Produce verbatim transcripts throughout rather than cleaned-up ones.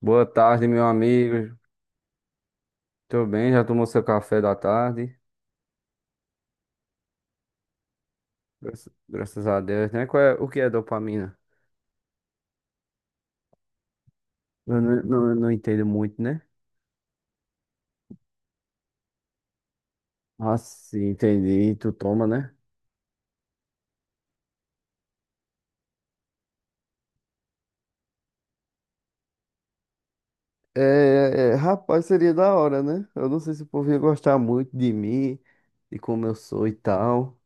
Boa tarde, meu amigo. Tô bem, já tomou seu café da tarde? Graças graças a Deus, né? Qual é, o que é dopamina? Eu não, não, não entendo muito, né? Ah, sim, entendi. Tu toma, né? É, é, é, rapaz, seria da hora, né? Eu não sei se o povo ia gostar muito de mim, de como eu sou e tal.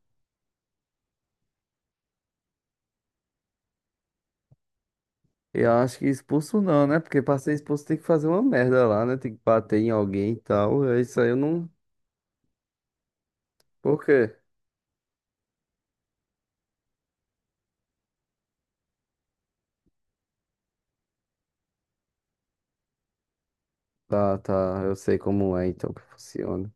Eu acho que expulso não, né? Porque pra ser expulso tem que fazer uma merda lá, né? Tem que bater em alguém e tal. É isso aí, eu não. Por quê? Tá, tá, eu sei como é então que funciona.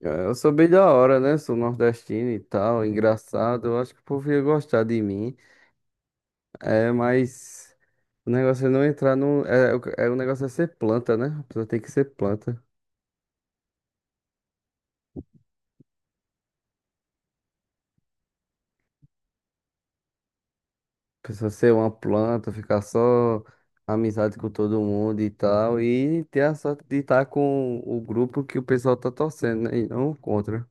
É, eu sou bem da hora, né? Sou nordestino e tal, engraçado. Eu acho que o povo ia gostar de mim. É, mas o negócio é não entrar no. É, é o é- o negócio é ser planta, né? A pessoa tem que ser planta. A pessoa ser uma planta, ficar só amizade com todo mundo e tal. E ter a sorte de estar com o grupo que o pessoal tá torcendo, né? E não contra.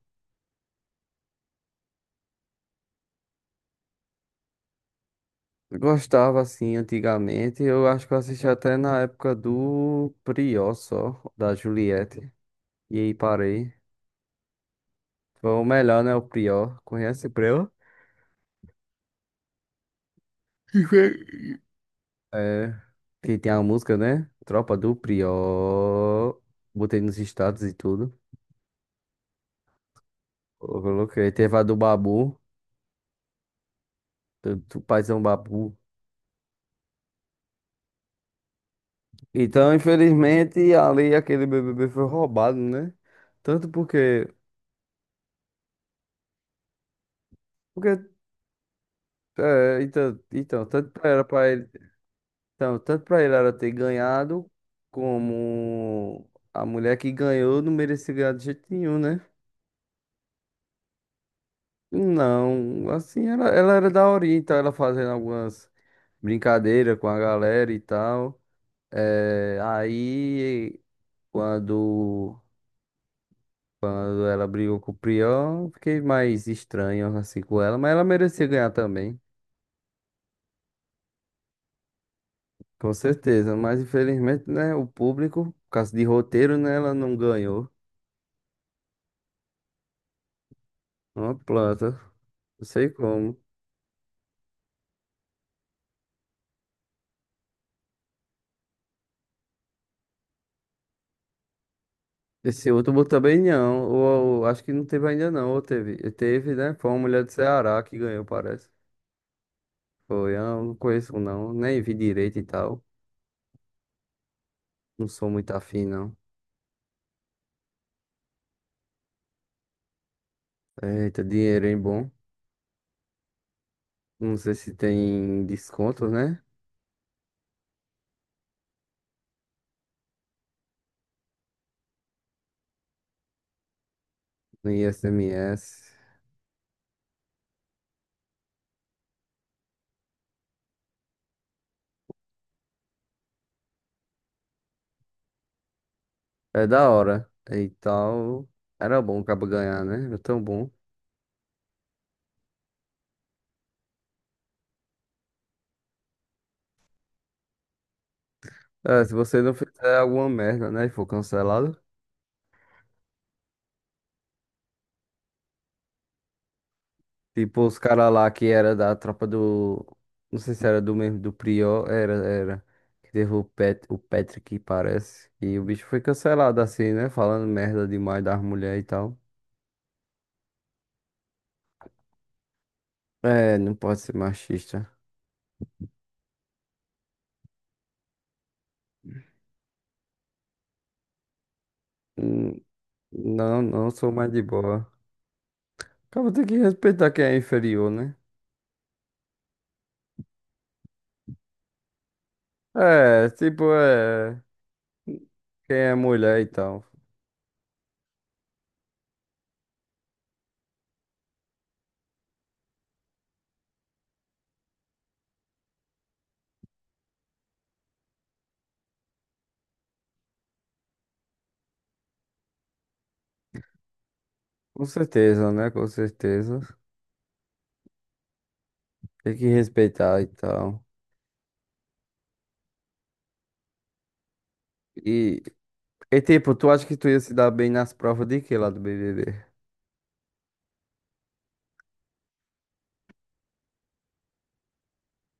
Eu gostava assim antigamente. Eu acho que eu assisti até na época do Prió só, da Juliette. E aí parei. Foi o melhor, né? O pior. Conhece o Prior? É. Que tem a música, né? Tropa do Prior. Botei nos status e tudo. Eu coloquei. Teve a do Babu. Do, do paizão Babu. Então, infelizmente, ali aquele B B B foi roubado, né? Tanto porque. Porque. É, então, então, tanto pra, era pra ele, então, tanto pra ele era ter ganhado, como a mulher que ganhou não merecia ganhar de jeito nenhum, né? Não, assim, ela, ela era daorinha, então ela fazendo algumas brincadeiras com a galera e tal. É, aí, quando, quando ela brigou com o Prião, fiquei mais estranho assim com ela, mas ela merecia ganhar também, com certeza. Mas infelizmente, né, o público, por causa de roteiro, né, ela não ganhou. Uma planta, não sei como. Esse outro também não, ou, ou acho que não teve ainda não, ou teve, teve, né, foi uma mulher do Ceará que ganhou, parece. Foi, eu não conheço não, nem vi direito e tal. Não sou muito afim, não. Eita, dinheiro, hein, bom. Não sei se tem desconto, né? No I S M S. É da hora. E tal. Era bom acaba ganhar, né? Era tão bom. É, se você não fizer alguma merda, né? E for cancelado. Tipo, os caras lá que era da tropa do. Não sei se era do mesmo, do Prior. Era, era. Que teve o, Pet, o Patrick, parece. E o bicho foi cancelado assim, né? Falando merda demais das mulheres e tal. É, não pode ser machista. Hum, Não, não sou mais de boa. Acaba tem que respeitar quem é inferior, né? É, tipo, é. Quem é mulher e tal. Com certeza, né? Com certeza. Tem que respeitar e tal. E, e tipo, tu acha que tu ia se dar bem nas provas de quê lá do B B B?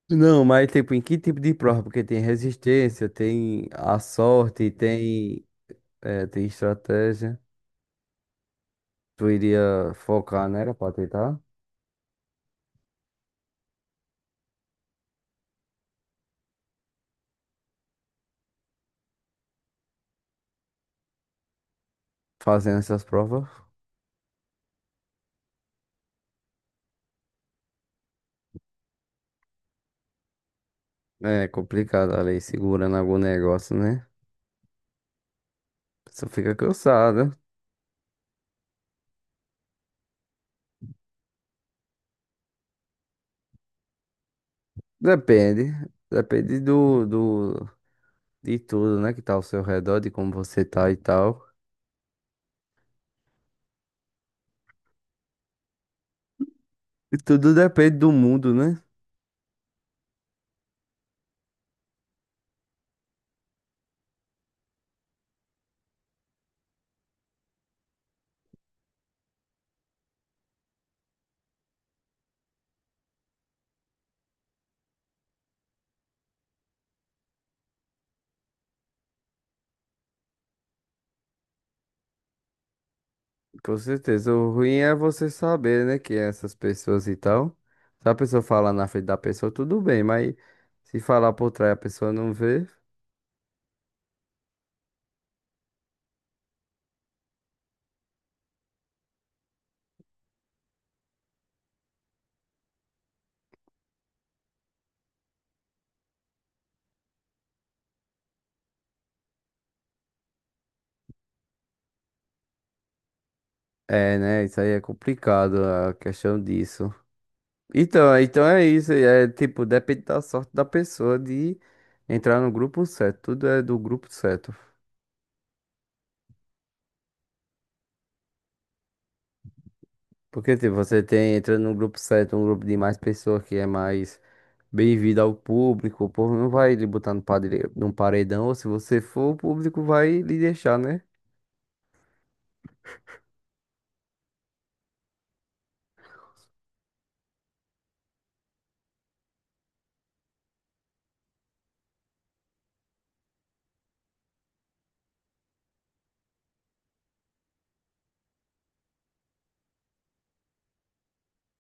Não, mas tipo, em que tipo de prova? Porque tem resistência, tem a sorte, tem, eh, tem estratégia. Tu iria focar nela pra tentar fazendo essas provas? É complicado ali, segurando algum negócio, né? A pessoa fica cansada. Depende. Depende do, do, de tudo, né? Que tá ao seu redor, de como você tá e tal. E tudo depende do mundo, né? Com certeza. O ruim é você saber, né, que essas pessoas e tal. Se a pessoa falar na frente da pessoa, tudo bem, mas se falar por trás e a pessoa não vê, é, né? Isso aí é complicado a questão disso. Então, então é isso. É tipo, depende da sorte da pessoa de entrar no grupo certo. Tudo é do grupo certo. Porque, tipo, você tem, entrando num grupo certo, um grupo de mais pessoas que é mais bem-vindo ao público. O povo não vai lhe botar no padre, num paredão, ou se você for, o público vai lhe deixar, né?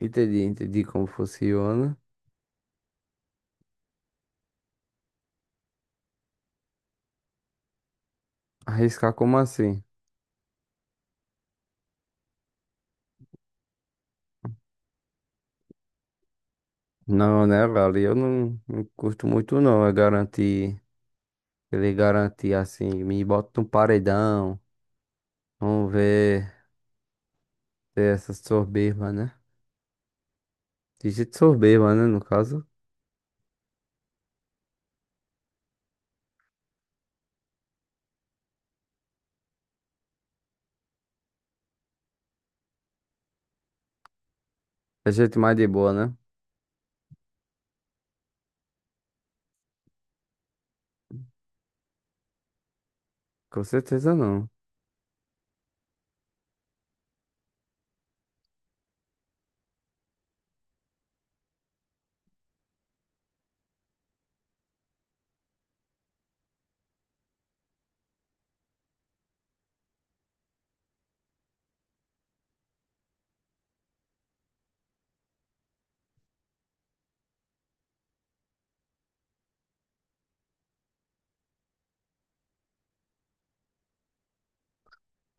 Entendi, entendi como funciona. Arriscar como assim? Não, né, velho? Eu não, não curto muito, não. É garantir, ele garantir assim, me bota num paredão. Vamos ver se essas soberba, né? De jeito soberba, né, no caso. É jeito mais de boa, né? Com certeza não.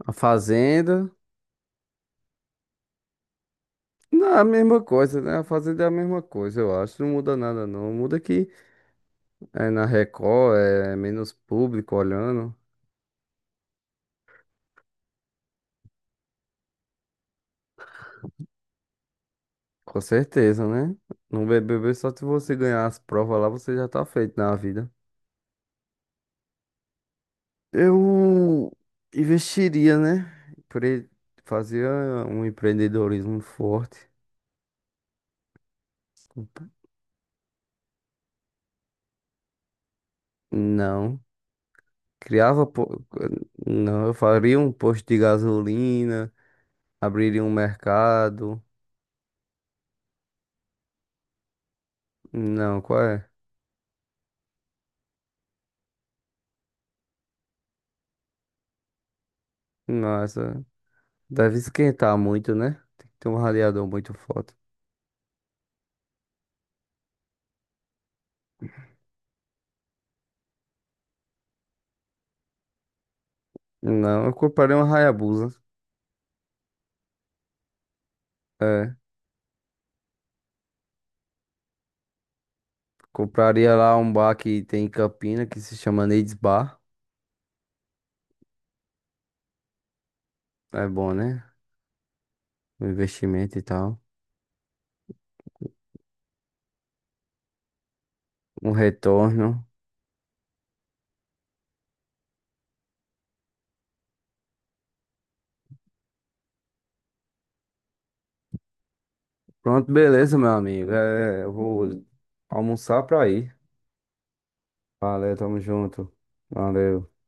A Fazenda. Não, é a mesma coisa, né? A Fazenda é a mesma coisa, eu acho. Não muda nada, não. Muda que é na Record, é menos público olhando. Com certeza, né? No B B B, só se você ganhar as provas lá, você já tá feito na vida. Eu investiria, né? Empre- Fazia um empreendedorismo forte. Não. Criava. po- Não, eu faria um posto de gasolina, abriria um mercado. Não, qual é? Nossa. Deve esquentar muito, né? Tem que ter um radiador muito forte. Não, eu compraria uma Hayabusa. É. Compraria lá um bar que tem em Campina que se chama Needs Bar. É bom, né? O investimento e tal. Um retorno. Pronto, beleza, meu amigo. É, eu vou almoçar pra ir. Valeu, tamo junto. Valeu.